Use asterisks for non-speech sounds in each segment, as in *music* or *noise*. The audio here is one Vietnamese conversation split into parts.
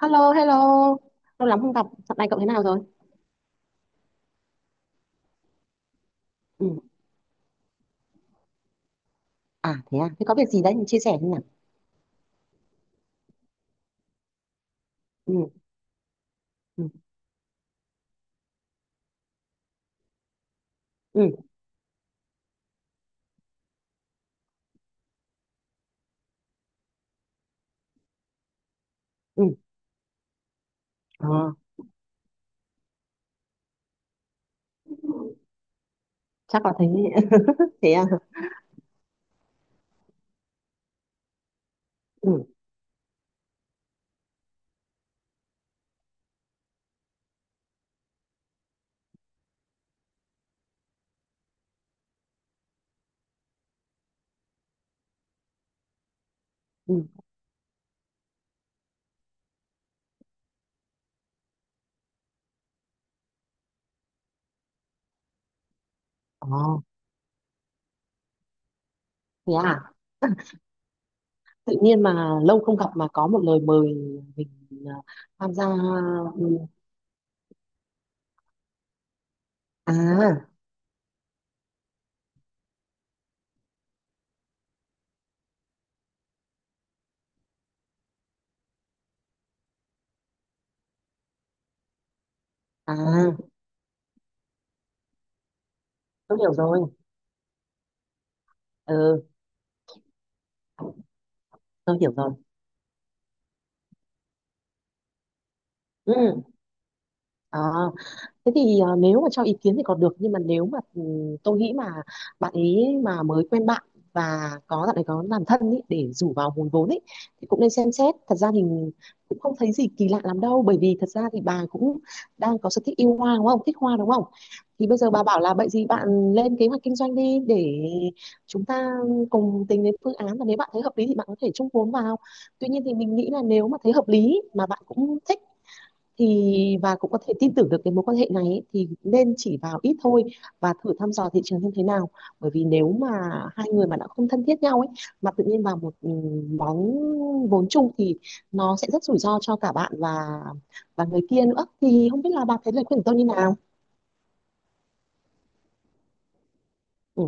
Hello, hello. Lâu lắm không gặp. Dạo này cậu thế nào rồi? Ừ. À, thế có việc gì đấy mình chia sẻ đi nào. Ừ, ừ, ừ, ừ. Ờ, Chắc là thế. *laughs* Thế à. Ừ, ừ. Ờ, Thế à. Tự nhiên mà lâu không gặp mà có một lời mời mình à, tham gia. Ừ. À, à, tôi hiểu rồi. Ừ, tôi hiểu rồi. Ừ. ờ. Thế thì nếu mà cho ý kiến thì còn được nhưng mà nếu mà tôi nghĩ mà bạn ấy mà mới quen bạn và có bạn ấy có làm thân ý, để rủ vào hùn vốn ý, thì cũng nên xem xét. Thật ra thì cũng không thấy gì kỳ lạ lắm đâu, bởi vì thật ra thì bà cũng đang có sở thích yêu hoa đúng không, thích hoa đúng không. Thì bây giờ bà bảo là vậy gì bạn lên kế hoạch kinh doanh đi để chúng ta cùng tính đến phương án, và nếu bạn thấy hợp lý thì bạn có thể chung vốn vào. Tuy nhiên thì mình nghĩ là nếu mà thấy hợp lý mà bạn cũng thích thì và cũng có thể tin tưởng được cái mối quan hệ này ấy, thì nên chỉ vào ít thôi và thử thăm dò thị trường xem thế nào. Bởi vì nếu mà hai người mà đã không thân thiết nhau ấy mà tự nhiên vào một món vốn chung thì nó sẽ rất rủi ro cho cả bạn và người kia nữa. Thì không biết là bà thấy lời khuyên của tôi như nào. ừ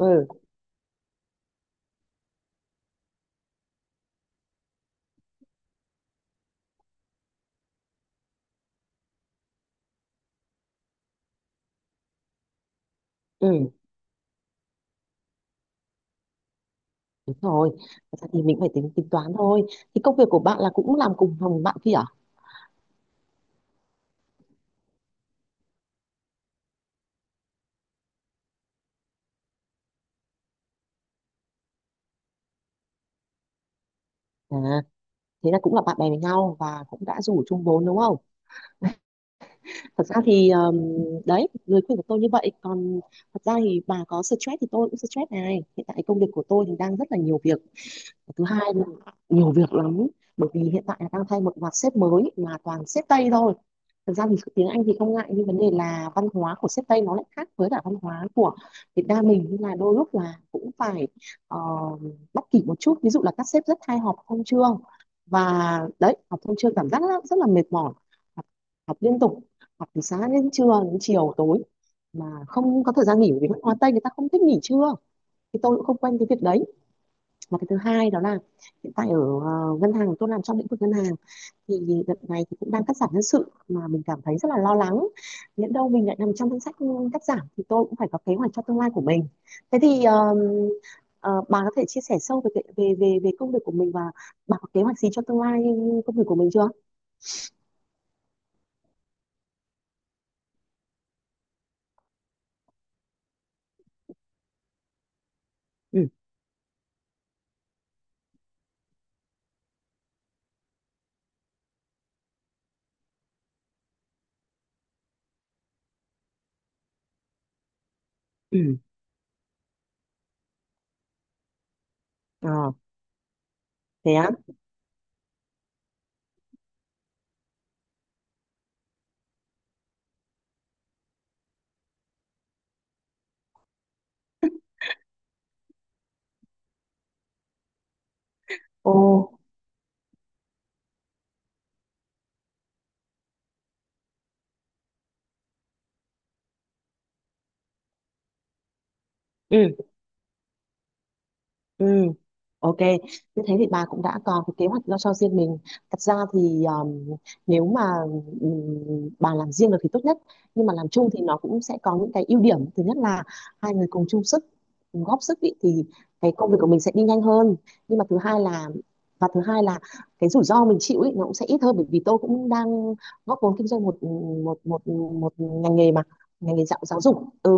ừ ừ Đúng rồi. Thật ra thì mình phải tính tính toán thôi. Thì công việc của bạn là cũng làm cùng phòng bạn kia à. À, thế là cũng là bạn bè với nhau và cũng đã rủ chung vốn đúng không. Thật ra thì đấy lời khuyên của tôi như vậy. Còn thật ra thì bà có stress thì tôi cũng stress này, hiện tại công việc của tôi thì đang rất là nhiều việc. Thứ hai là nhiều việc lắm, bởi vì hiện tại là đang thay một loạt sếp mới mà toàn sếp Tây thôi. Thực ra thì tiếng Anh thì không ngại, nhưng vấn đề là văn hóa của sếp Tây nó lại khác với cả văn hóa của Việt Nam mình, nên là đôi lúc là cũng phải ờ, bắt kịp một chút. Ví dụ là các sếp rất hay họp thông chương, và đấy họp thông chương cảm giác rất, rất là mệt mỏi. họp, Họp liên tục, họp từ sáng đến trưa đến chiều tối mà không có thời gian nghỉ, bởi vì văn hóa Tây người ta không thích nghỉ trưa. Thì tôi cũng không quen cái việc đấy. Mà cái thứ hai đó là hiện tại ở ngân hàng, tôi làm trong lĩnh vực ngân hàng, thì đợt này thì cũng đang cắt giảm nhân sự mà mình cảm thấy rất là lo lắng. Nhỡ đâu mình lại nằm trong danh sách cắt giảm thì tôi cũng phải có kế hoạch cho tương lai của mình. Thế thì ờ, bà có thể chia sẻ sâu về cái- về về về công việc của mình, và bà có kế hoạch gì cho tương lai công việc của mình chưa. ừ ừ ờ Thế á. Ồ ừ Ừ, ok. Như thế thì bà cũng đã có cái kế hoạch lo cho riêng mình. Thật ra thì nếu mà bà làm riêng được thì tốt nhất. Nhưng mà làm chung thì nó cũng sẽ có những cái ưu điểm. Thứ nhất là hai người cùng chung sức, cùng góp sức ý, thì cái công việc của mình sẽ đi nhanh hơn. Nhưng mà thứ hai là và thứ hai là cái rủi ro mình chịu ý, nó cũng sẽ ít hơn, bởi vì tôi cũng đang góp vốn kinh doanh một một ngành nghề mà ngành nghề giáo giáo dục. Ừ,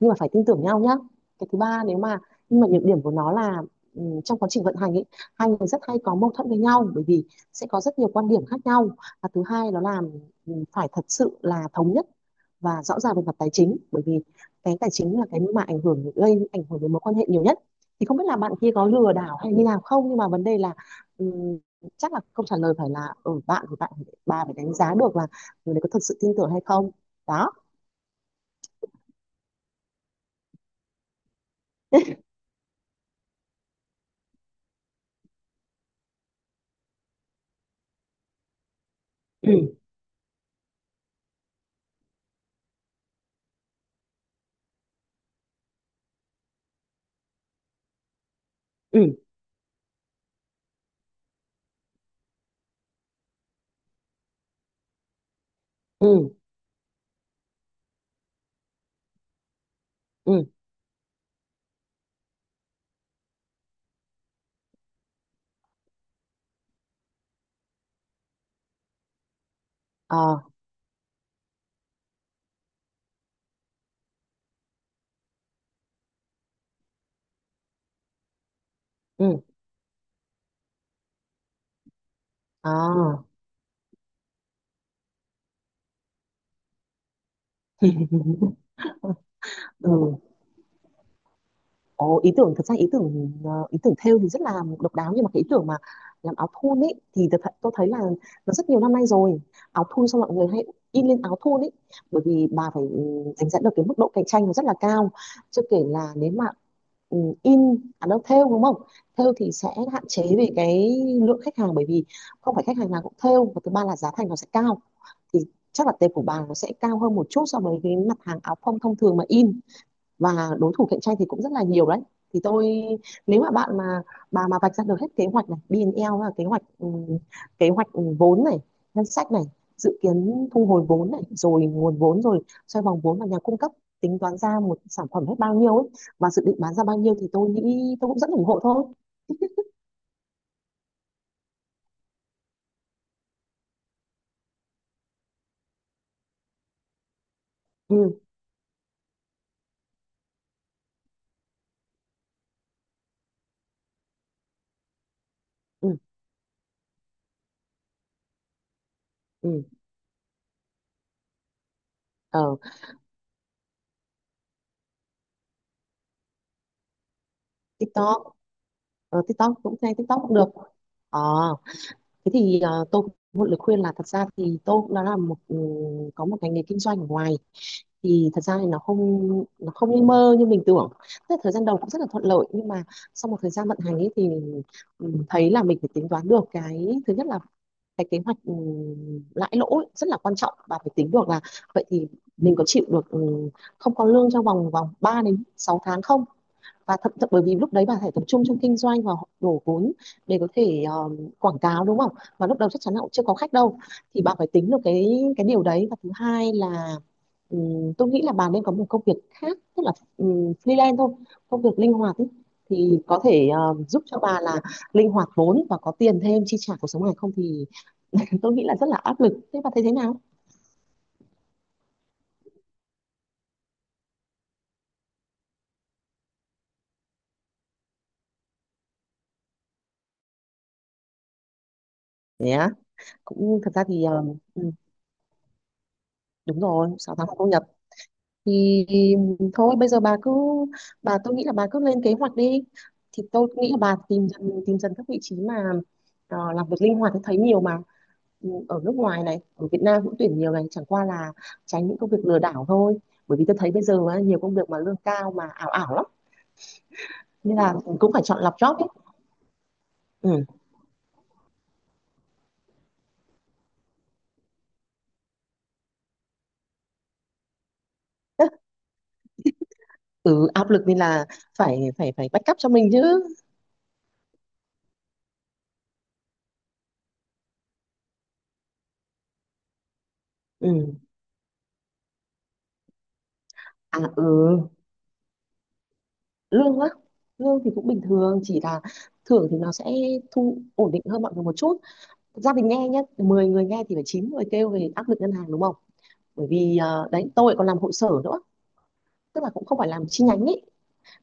nhưng mà phải tin tưởng nhau nhá. Cái thứ ba nếu mà Nhưng mà nhược điểm của nó là trong quá trình vận hành ấy, hai người rất hay có mâu thuẫn với nhau, bởi vì sẽ có rất nhiều quan điểm khác nhau. Và thứ hai đó là phải thật sự là thống nhất và rõ ràng về mặt tài chính, bởi vì cái tài chính là cái mà ảnh hưởng gây ảnh hưởng đến mối quan hệ nhiều nhất. Thì không biết là bạn kia có lừa đảo hay như nào không, nhưng mà vấn đề là ừm, chắc là câu trả lời phải là ở bạn thì bà phải đánh giá được là người đấy có thật sự tin tưởng hay không. Đó. Ừ ừ ừ ừ. Ờ, ừ. Ờ, ừ. Ồ, ý tưởng thật ra ý tưởng ý tưởng thêu thì rất là độc đáo, nhưng mà cái ý tưởng mà làm áo thun ấy thì thật tôi thấy là nó rất nhiều năm nay rồi. Áo thun xong mọi người hay in lên áo thun ấy. Bởi vì bà phải đánh giá được cái mức độ cạnh tranh nó rất là cao. Chưa kể là nếu mà ừ, in à đâu thêu đúng không, thêu thì sẽ hạn chế về cái lượng khách hàng bởi vì không phải khách hàng nào cũng thêu. Và thứ ba là giá thành nó sẽ cao, thì chắc là tệp của bà nó sẽ cao hơn một chút so với cái mặt hàng áo phông thông thường mà in, và đối thủ cạnh tranh thì cũng rất là nhiều đấy. Thì tôi nếu mà bạn mà bà mà vạch ra được hết kế hoạch này BNL là kế hoạch vốn này, ngân sách này, dự kiến thu hồi vốn này, rồi nguồn vốn, rồi xoay vòng vốn và nhà cung cấp, tính toán ra một sản phẩm hết bao nhiêu ấy và dự định bán ra bao nhiêu, thì tôi nghĩ tôi cũng rất ủng hộ thôi. ừ ừ ừ ờ TikTok. TikTok cũng hay, TikTok cũng được. ờ Thế thì tôi cũng một lời khuyên là thật ra thì tôi cũng đã là một có một ngành nghề kinh doanh ở ngoài thì thật ra thì nó không như mơ như mình tưởng. Thế thời gian đầu cũng rất là thuận lợi, nhưng mà sau một thời gian vận hành ấy thì mình thấy là mình phải tính toán được cái thứ nhất là cái kế hoạch lãi lỗ ấy, rất là quan trọng. Và phải tính được là vậy thì mình có chịu được không có lương trong vòng vòng 3 đến 6 tháng không. Và thậm thậm bởi vì lúc đấy bà phải tập trung trong kinh doanh và đổ vốn để có thể quảng cáo đúng không, và lúc đầu chắc chắn là cũng chưa có khách đâu. Thì bà phải tính được cái điều đấy. Và thứ hai là tôi nghĩ là bà nên có một công việc khác, tức là freelance thôi, công việc linh hoạt ấy. Thì có thể giúp cho bà là linh hoạt vốn và có tiền thêm chi trả cuộc sống này không thì *laughs* tôi nghĩ là rất là áp lực. Thế bà thấy thế nào? Nhé, cũng thật ra thì đúng rồi, 6 tháng không thu nhập thì thôi bây giờ bà tôi nghĩ là bà cứ lên kế hoạch đi. Thì tôi nghĩ là bà tìm dần các vị trí mà làm việc linh hoạt thì thấy nhiều mà. Ừ, ở nước ngoài này, ở Việt Nam cũng tuyển nhiều này, chẳng qua là tránh những công việc lừa đảo thôi. Bởi vì tôi thấy bây giờ á, nhiều công việc mà lương cao mà ảo ảo lắm, nên là cũng phải chọn lọc job ấy. Ừ. *laughs* Ừ, áp lực nên là phải phải phải backup cho mình chứ. ừ ừ, lương á, lương thì cũng bình thường, chỉ là thưởng thì nó sẽ thu ổn định hơn mọi người một chút. Gia đình nghe nhé, 10 người nghe thì phải 9 người kêu về áp lực ngân hàng đúng không. Bởi vì đấy tôi lại còn làm hội sở nữa, tức là cũng không phải làm chi nhánh ấy.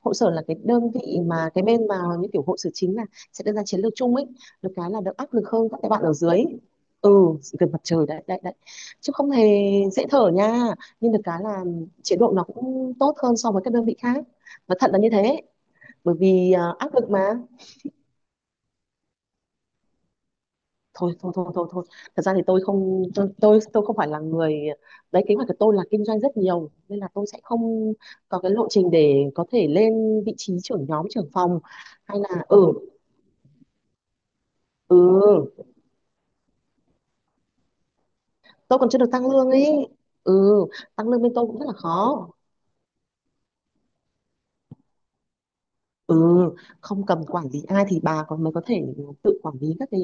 Hội sở là cái đơn vị mà cái bên mà như kiểu hội sở chính là sẽ đưa ra chiến lược chung ấy. Được cái là đỡ áp lực hơn các cái bạn ở dưới. Ừ, gần mặt trời đấy đấy đấy. Chứ không hề dễ thở nha. Nhưng được cái là chế độ nó cũng tốt hơn so với các đơn vị khác, nó thật là như thế. Bởi vì à, áp lực mà. Thôi thôi thôi thôi thôi, thật ra thì tôi không phải là người đấy. Kế hoạch của tôi là kinh doanh rất nhiều nên là tôi sẽ không có cái lộ trình để có thể lên vị trí trưởng nhóm trưởng phòng hay là ừ tôi còn chưa được tăng lương ấy. Ừ, tăng lương bên tôi cũng rất là khó. Ừ, không cầm quản lý ai thì bà còn mới có thể tự quản lý các cái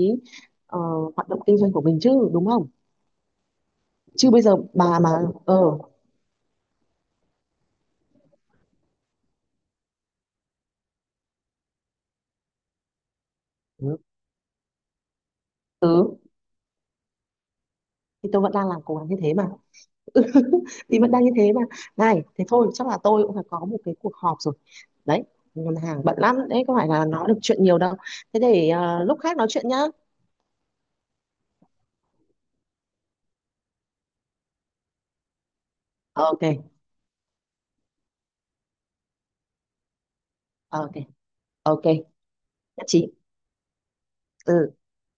ờ, hoạt động kinh doanh của mình chứ đúng không. Chứ bây giờ bà mà ờ Ừ, thì tôi vẫn đang làm cố gắng như thế mà, thì vẫn đang như thế mà. Này thế thôi chắc là tôi cũng phải có một cái cuộc họp rồi đấy. Ngân hàng bận lắm đấy, có phải là nói được chuyện nhiều đâu. Thế để lúc khác nói chuyện nhá. Ok, ok, ok, nhất trí. Ừ.